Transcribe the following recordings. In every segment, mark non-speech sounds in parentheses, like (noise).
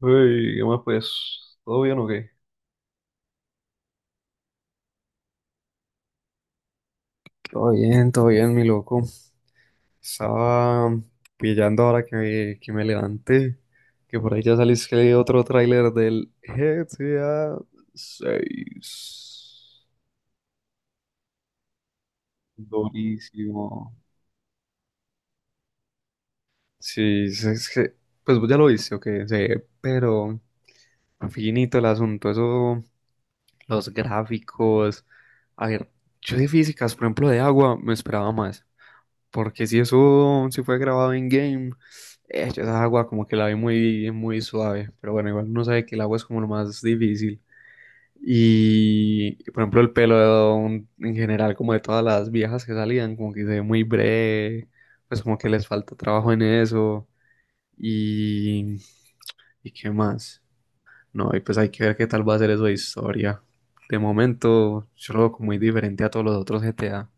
Uy, ¿qué más pues? ¿Todo bien o qué? Todo bien, mi loco. Estaba pillando ahora que me levanté, que por ahí ya salió otro tráiler del GTA 6. Durísimo. Sí, es que, pues vos ya lo viste, ok, sí, pero finito el asunto, eso, los gráficos, a ver, yo de físicas, por ejemplo, de agua, me esperaba más. Porque si fue grabado en game, yo esa agua como que la ve muy, muy suave. Pero bueno, igual uno sabe que el agua es como lo más difícil. Y, por ejemplo, el pelo en general, como de todas las viejas que salían, como que se ve muy breve, pues como que les falta trabajo en eso. Y, ¿y qué más? No, y pues hay que ver qué tal va a ser eso de historia. De momento, yo lo veo como muy diferente a todos los otros GTA.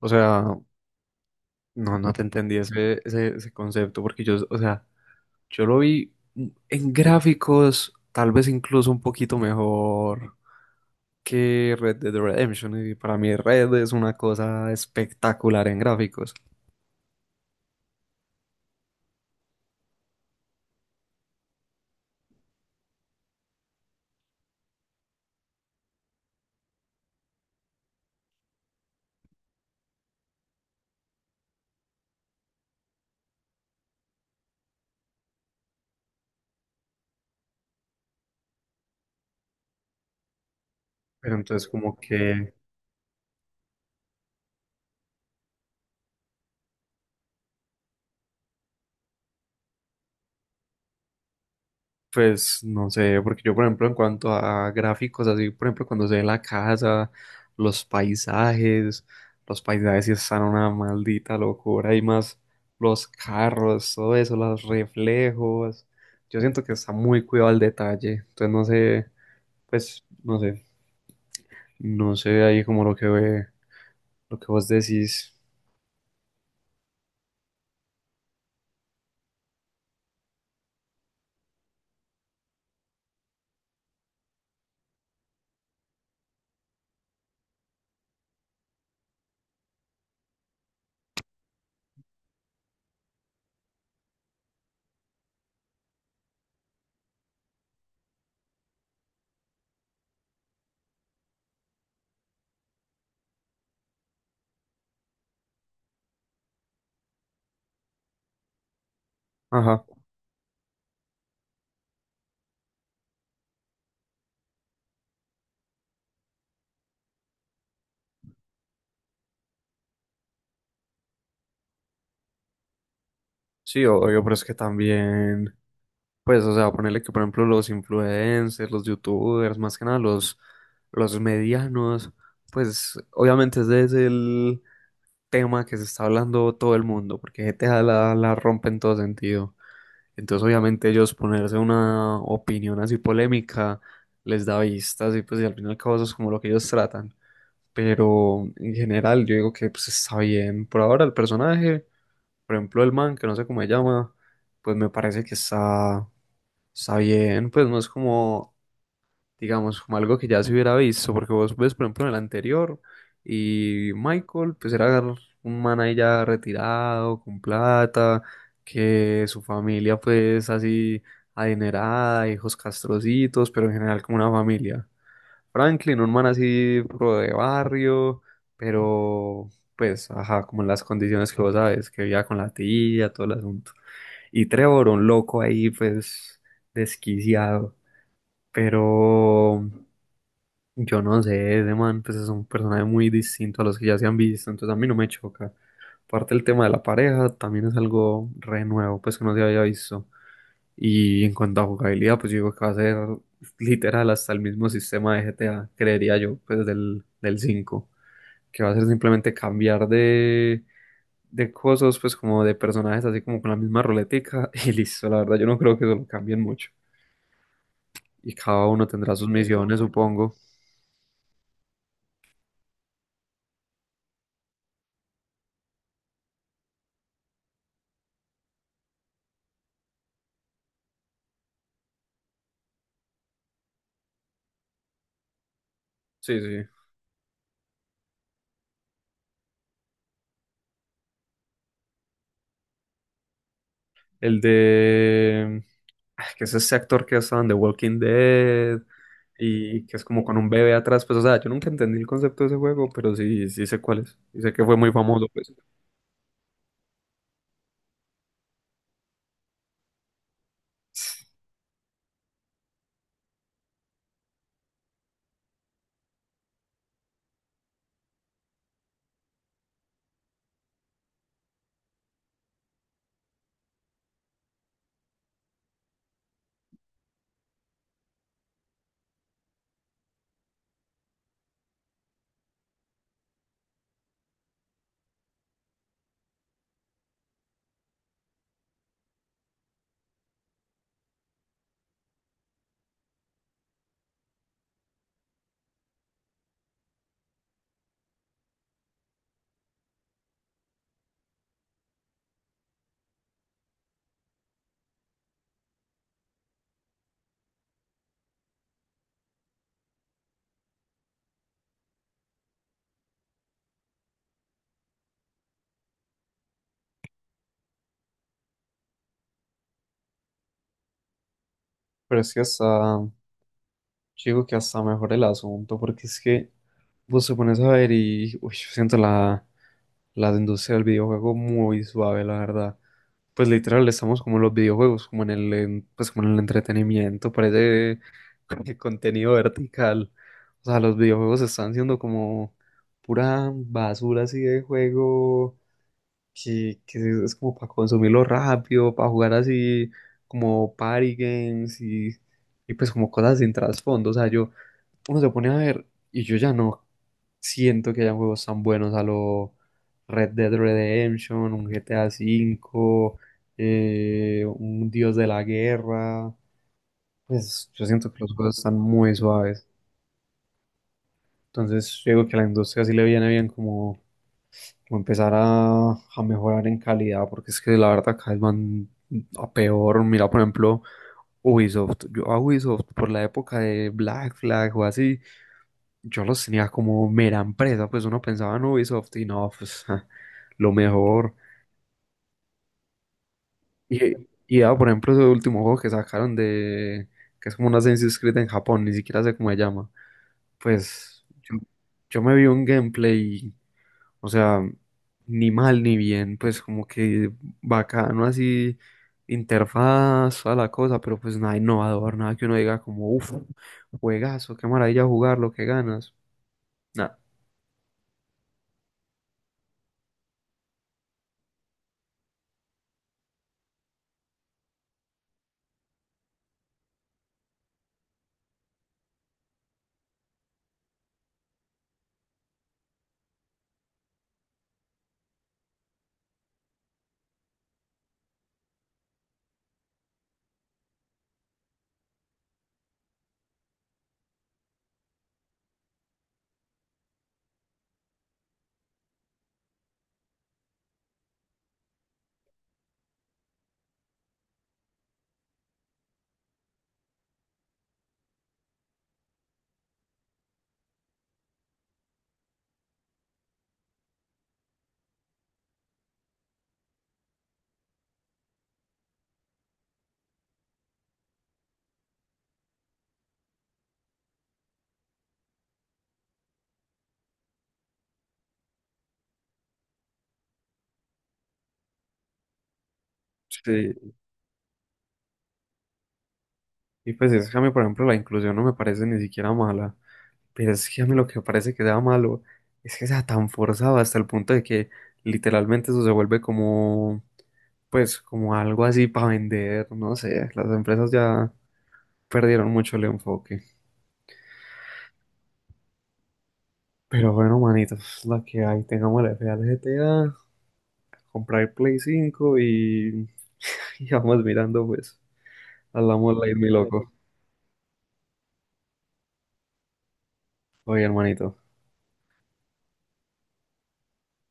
O sea, no, no te entendí ese concepto, porque yo, o sea, yo lo vi en gráficos, tal vez incluso un poquito mejor que Red Dead Redemption, y para mí Red es una cosa espectacular en gráficos. Pero entonces como que, pues no sé, porque yo por ejemplo en cuanto a gráficos, así por ejemplo cuando se ve la casa, los paisajes, los paisajes sí están una maldita locura y más los carros, todo eso, los reflejos, yo siento que está muy cuidado al detalle, entonces no sé, pues no sé, no sé ahí como lo que ve, lo que vos decís, ajá, sí, obvio, pero es que también... Pues, o sea, ponerle que, por ejemplo, los influencers, los youtubers, más que nada los medianos, pues obviamente ese es el tema que se está hablando todo el mundo, porque G T a la rompe en todo sentido. Entonces, obviamente ellos ponerse una opinión así polémica les da vistas y pues y al final y al cabo eso es como lo que ellos tratan. Pero en general yo digo que pues está bien. Por ahora el personaje, por ejemplo, el man, que no sé cómo se llama, pues me parece que está... Está bien, pues no es como, digamos, como algo que ya se hubiera visto, porque vos ves, por ejemplo, en el anterior, y Michael, pues era un man ahí ya retirado, con plata, que su familia, pues así, adinerada, hijos castrocitos, pero en general como una familia. Franklin, un man así, pro de barrio, pero, pues, ajá, como en las condiciones que vos sabes, que vivía con la tía, todo el asunto. Y Trevor, un loco ahí, pues, desquiciado. Pero yo no sé, ese man pues es un personaje muy distinto a los que ya se han visto, entonces a mí no me choca. Aparte el tema de la pareja también es algo re nuevo, pues que no se había visto. Y en cuanto a jugabilidad, pues yo digo que va a ser literal hasta el mismo sistema de GTA, creería yo, pues del 5. Que va a ser simplemente cambiar de, cosas, pues como de personajes, así como con la misma ruletica (laughs) y listo, la verdad yo no creo que eso lo cambien mucho. Y cada uno tendrá sus misiones, supongo. Sí, sí. El de, que es ese actor que ha estado en The Walking Dead y que es como con un bebé atrás, pues o sea, yo nunca entendí el concepto de ese juego, pero sí, sí sé cuál es, y sé que fue muy famoso, pues. Pero es que hasta, yo digo que hasta mejor el asunto, porque es que vos te pones a ver y uy, yo siento la industria del videojuego muy suave, la verdad. Pues literal estamos como en los videojuegos, como pues como en el entretenimiento, parece (laughs) contenido vertical. O sea, los videojuegos están siendo como pura basura así de juego que es como para consumirlo rápido, para jugar así como party games y pues como cosas sin trasfondo. O sea, yo, uno se pone a ver y yo ya no siento que hayan juegos tan buenos a lo Red Dead Redemption, un GTA V, un Dios de la Guerra. Pues yo siento que los juegos están muy suaves. Entonces, yo digo que a la industria sí le viene bien como o empezar a mejorar en calidad, porque es que la verdad cada vez van a peor. Mira, por ejemplo, Ubisoft. Yo a Ubisoft por la época de Black Flag o así, yo los tenía como mera empresa, pues uno pensaba en Ubisoft y no, pues ja, lo mejor. Y, y ya, por ejemplo, ese último juego que sacaron de, que es como una Assassin's Creed en Japón, ni siquiera sé cómo se llama. Pues yo me vi un gameplay. O sea, ni mal ni bien, pues como que bacano así, interfaz, a la cosa, pero pues nada innovador, nada que uno diga como, uff, juegazo, qué maravilla jugarlo, qué ganas. Nada. Sí, y pues es que a mí, por ejemplo, la inclusión no me parece ni siquiera mala, pero es que a mí lo que me parece que sea malo es que sea tan forzado hasta el punto de que literalmente eso se vuelve como, pues como algo así para vender, no sé, las empresas ya perdieron mucho el enfoque. Pero bueno, manitos, la que hay, tengamos el FA al GTA, comprar el Play 5 y, (laughs) y vamos mirando, pues, hablamos live, mi loco. Oye, hermanito,